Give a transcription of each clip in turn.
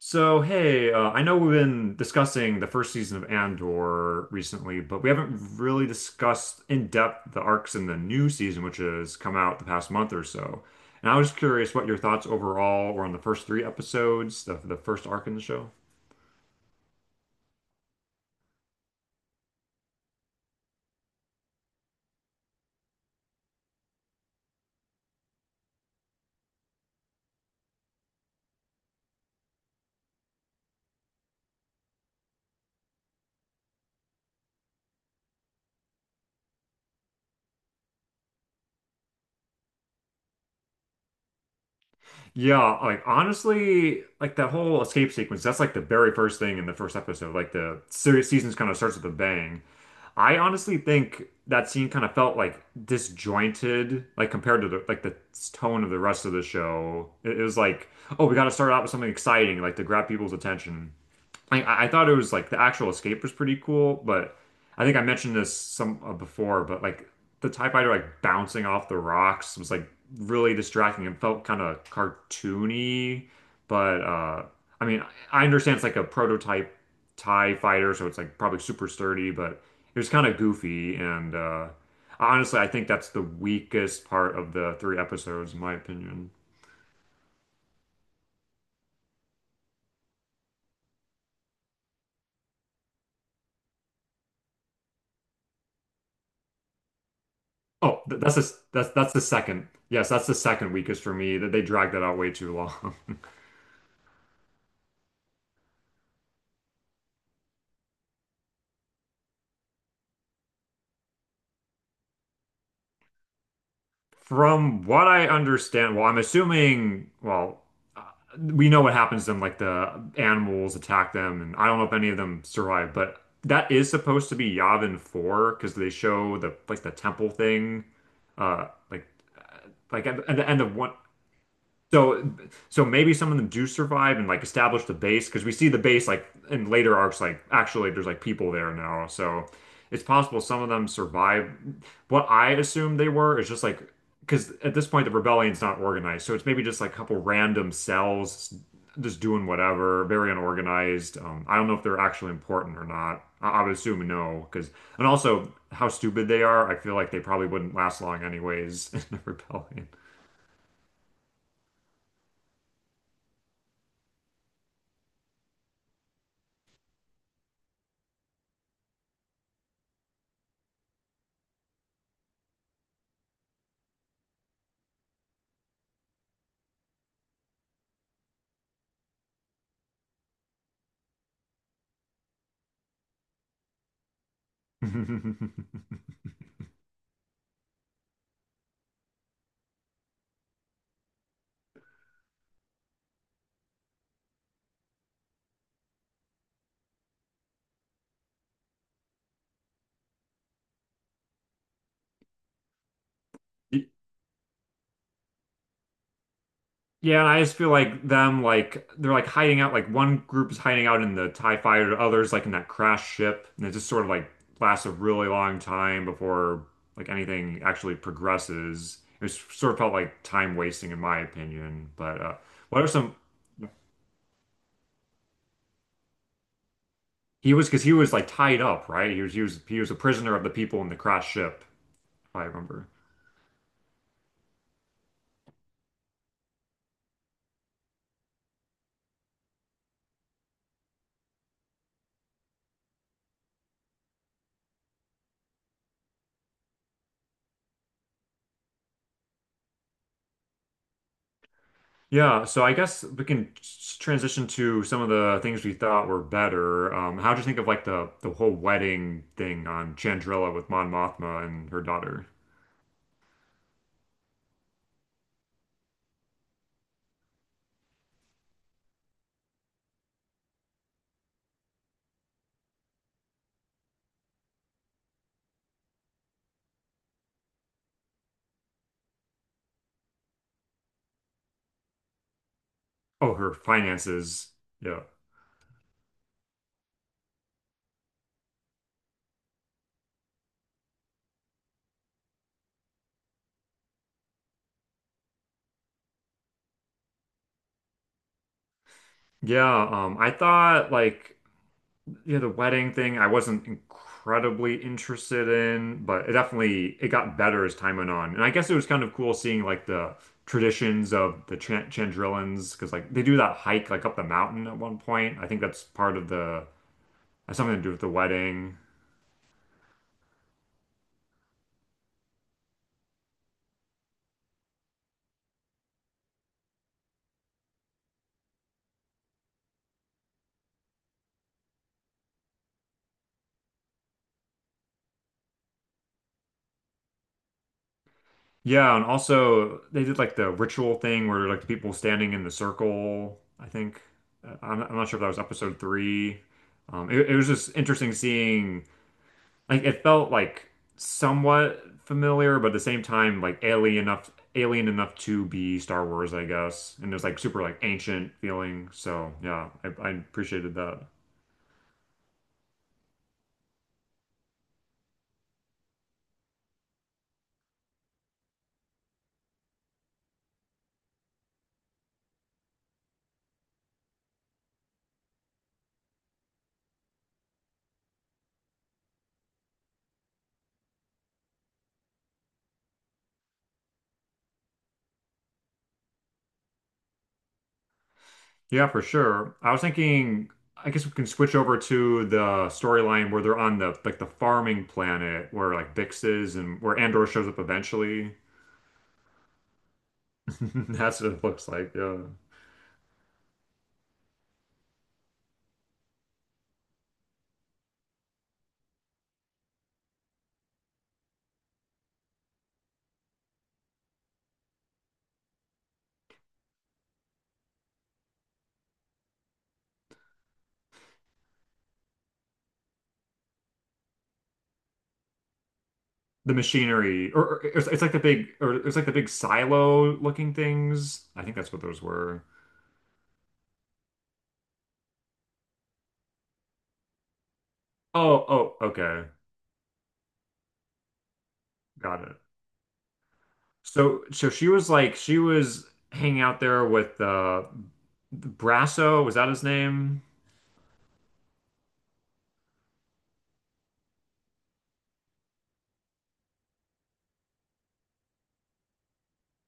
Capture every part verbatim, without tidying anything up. So, hey, uh, I know we've been discussing the first season of Andor recently, but we haven't really discussed in depth the arcs in the new season, which has come out the past month or so. And I was curious what your thoughts overall were on the first three episodes, the, the first arc in the show. Yeah, like honestly, like that whole escape sequence, that's like the very first thing in the first episode. Like the series seasons kind of starts with a bang. I honestly think that scene kind of felt like disjointed, like compared to the like the tone of the rest of the show. It, it was like, oh, we got to start out with something exciting, like to grab people's attention. Like I, I thought it was like the actual escape was pretty cool, but I think I mentioned this some uh, before, but like the T I E fighter like bouncing off the rocks was like really distracting and felt kind of cartoony. But uh I mean, I understand it's like a prototype T I E fighter, so it's like probably super sturdy, but it was kind of goofy and uh honestly, I think that's the weakest part of the three episodes, in my opinion. Oh, th- that's the that's that's the second. Yes, that's the second weakest for me. That they dragged that out way too long. From what I understand, well, I'm assuming, well, uh, we know what happens to them, like the animals attack them, and I don't know if any of them survive, but that is supposed to be Yavin four because they show the like the temple thing, uh, like like at the, at the end of one. So, so maybe some of them do survive and like establish the base because we see the base like in later arcs, like actually there's like people there now. So it's possible some of them survive. What I assume they were is just like because at this point the rebellion's not organized, so it's maybe just like a couple random cells just doing whatever, very unorganized. Um, I don't know if they're actually important or not. I, I would assume no because and also how stupid they are. I feel like they probably wouldn't last long anyways in the rebellion. Yeah, and I just feel like them like they're like hiding out like one group is hiding out in the T I E fighter, others like in that crash ship, and it just sort of like lasts a really long time before like anything actually progresses. It was sort of felt like time wasting in my opinion. But uh what are some he was because he was like tied up, right? He was he was he was a prisoner of the people in the crash ship, if I remember. Yeah, so I guess we can s- transition to some of the things we thought were better. Um, how'd you think of like the the whole wedding thing on Chandrilla with Mon Mothma and her daughter? Oh, her finances. Yeah. Yeah, um, I thought like yeah, the wedding thing I wasn't incredibly interested in, but it definitely it got better as time went on. And I guess it was kind of cool seeing like the traditions of the Chan Chandrillans because like they do that hike like up the mountain at one point. I think that's part of the has something to do with the wedding. Yeah, and also they did like the ritual thing where like the people standing in the circle. I think Uh, I'm, I'm not sure if that was episode three. Um, it, it was just interesting seeing like it felt like somewhat familiar, but at the same time like alien enough alien enough to be Star Wars, I guess. And it was like super like ancient feeling. So yeah, I, I appreciated that. Yeah, for sure. I was thinking, I guess we can switch over to the storyline where they're on the like the farming planet where like Bix is and where Andor shows up eventually. That's what it looks like. Yeah. The machinery, or, or it's, it's like the big, or it's like the big silo looking things. I think that's what those were. Oh, oh, okay, got it. So, so she was like, she was hanging out there with uh, Brasso. Was that his name?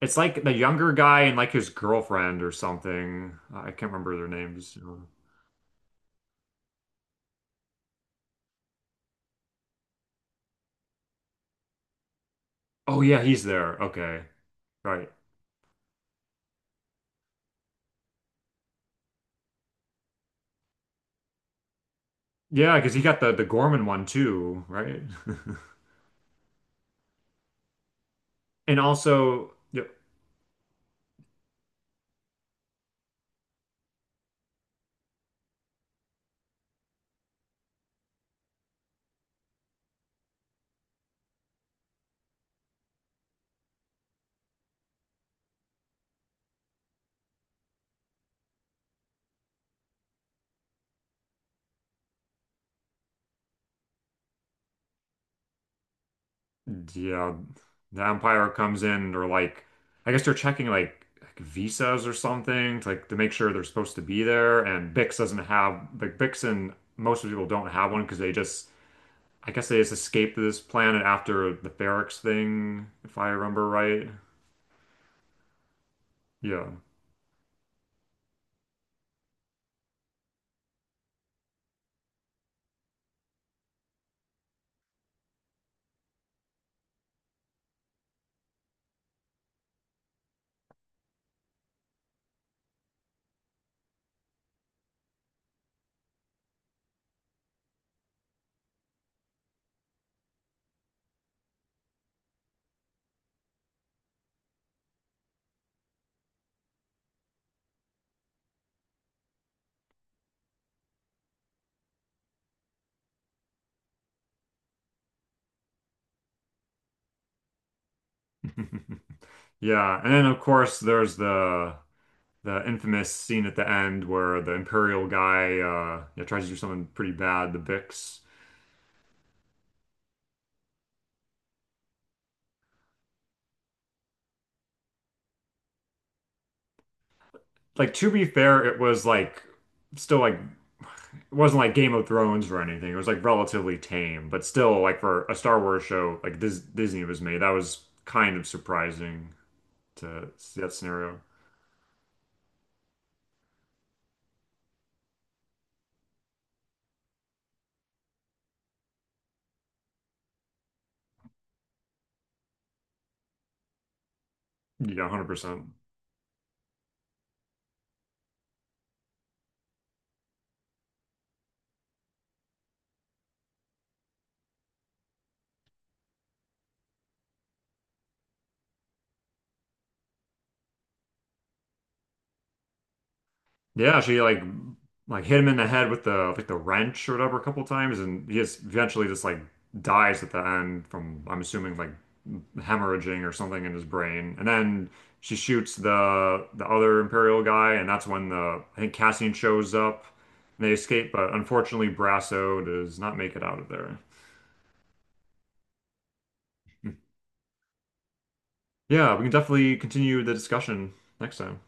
It's like the younger guy and like his girlfriend or something. I can't remember their names. Oh yeah, he's there. Okay. Right. Yeah, because he got the the Gorman one too, right? And also, y- yeah, the umpire comes in or like I guess they're checking like, like visas or something to like to make sure they're supposed to be there and Bix doesn't have like Bix and most of the people don't have one because they just I guess they just escaped this planet after the Ferrix thing, if I remember right. Yeah. Yeah, and then of course there's the the infamous scene at the end where the Imperial guy uh yeah, tries to do something pretty bad, the Vix. Like to be fair, it was like still like it wasn't like Game of Thrones or anything. It was like relatively tame, but still like for a Star Wars show like this Disney was made, that was kind of surprising to see that scenario. Yeah, one hundred percent. Yeah, she like like hit him in the head with the like the wrench or whatever a couple times, and he just eventually just like dies at the end from I'm assuming like hemorrhaging or something in his brain. And then she shoots the the other Imperial guy, and that's when the I think Cassian shows up and they escape, but unfortunately Brasso does not make it out of there. Yeah, we can definitely continue the discussion next time.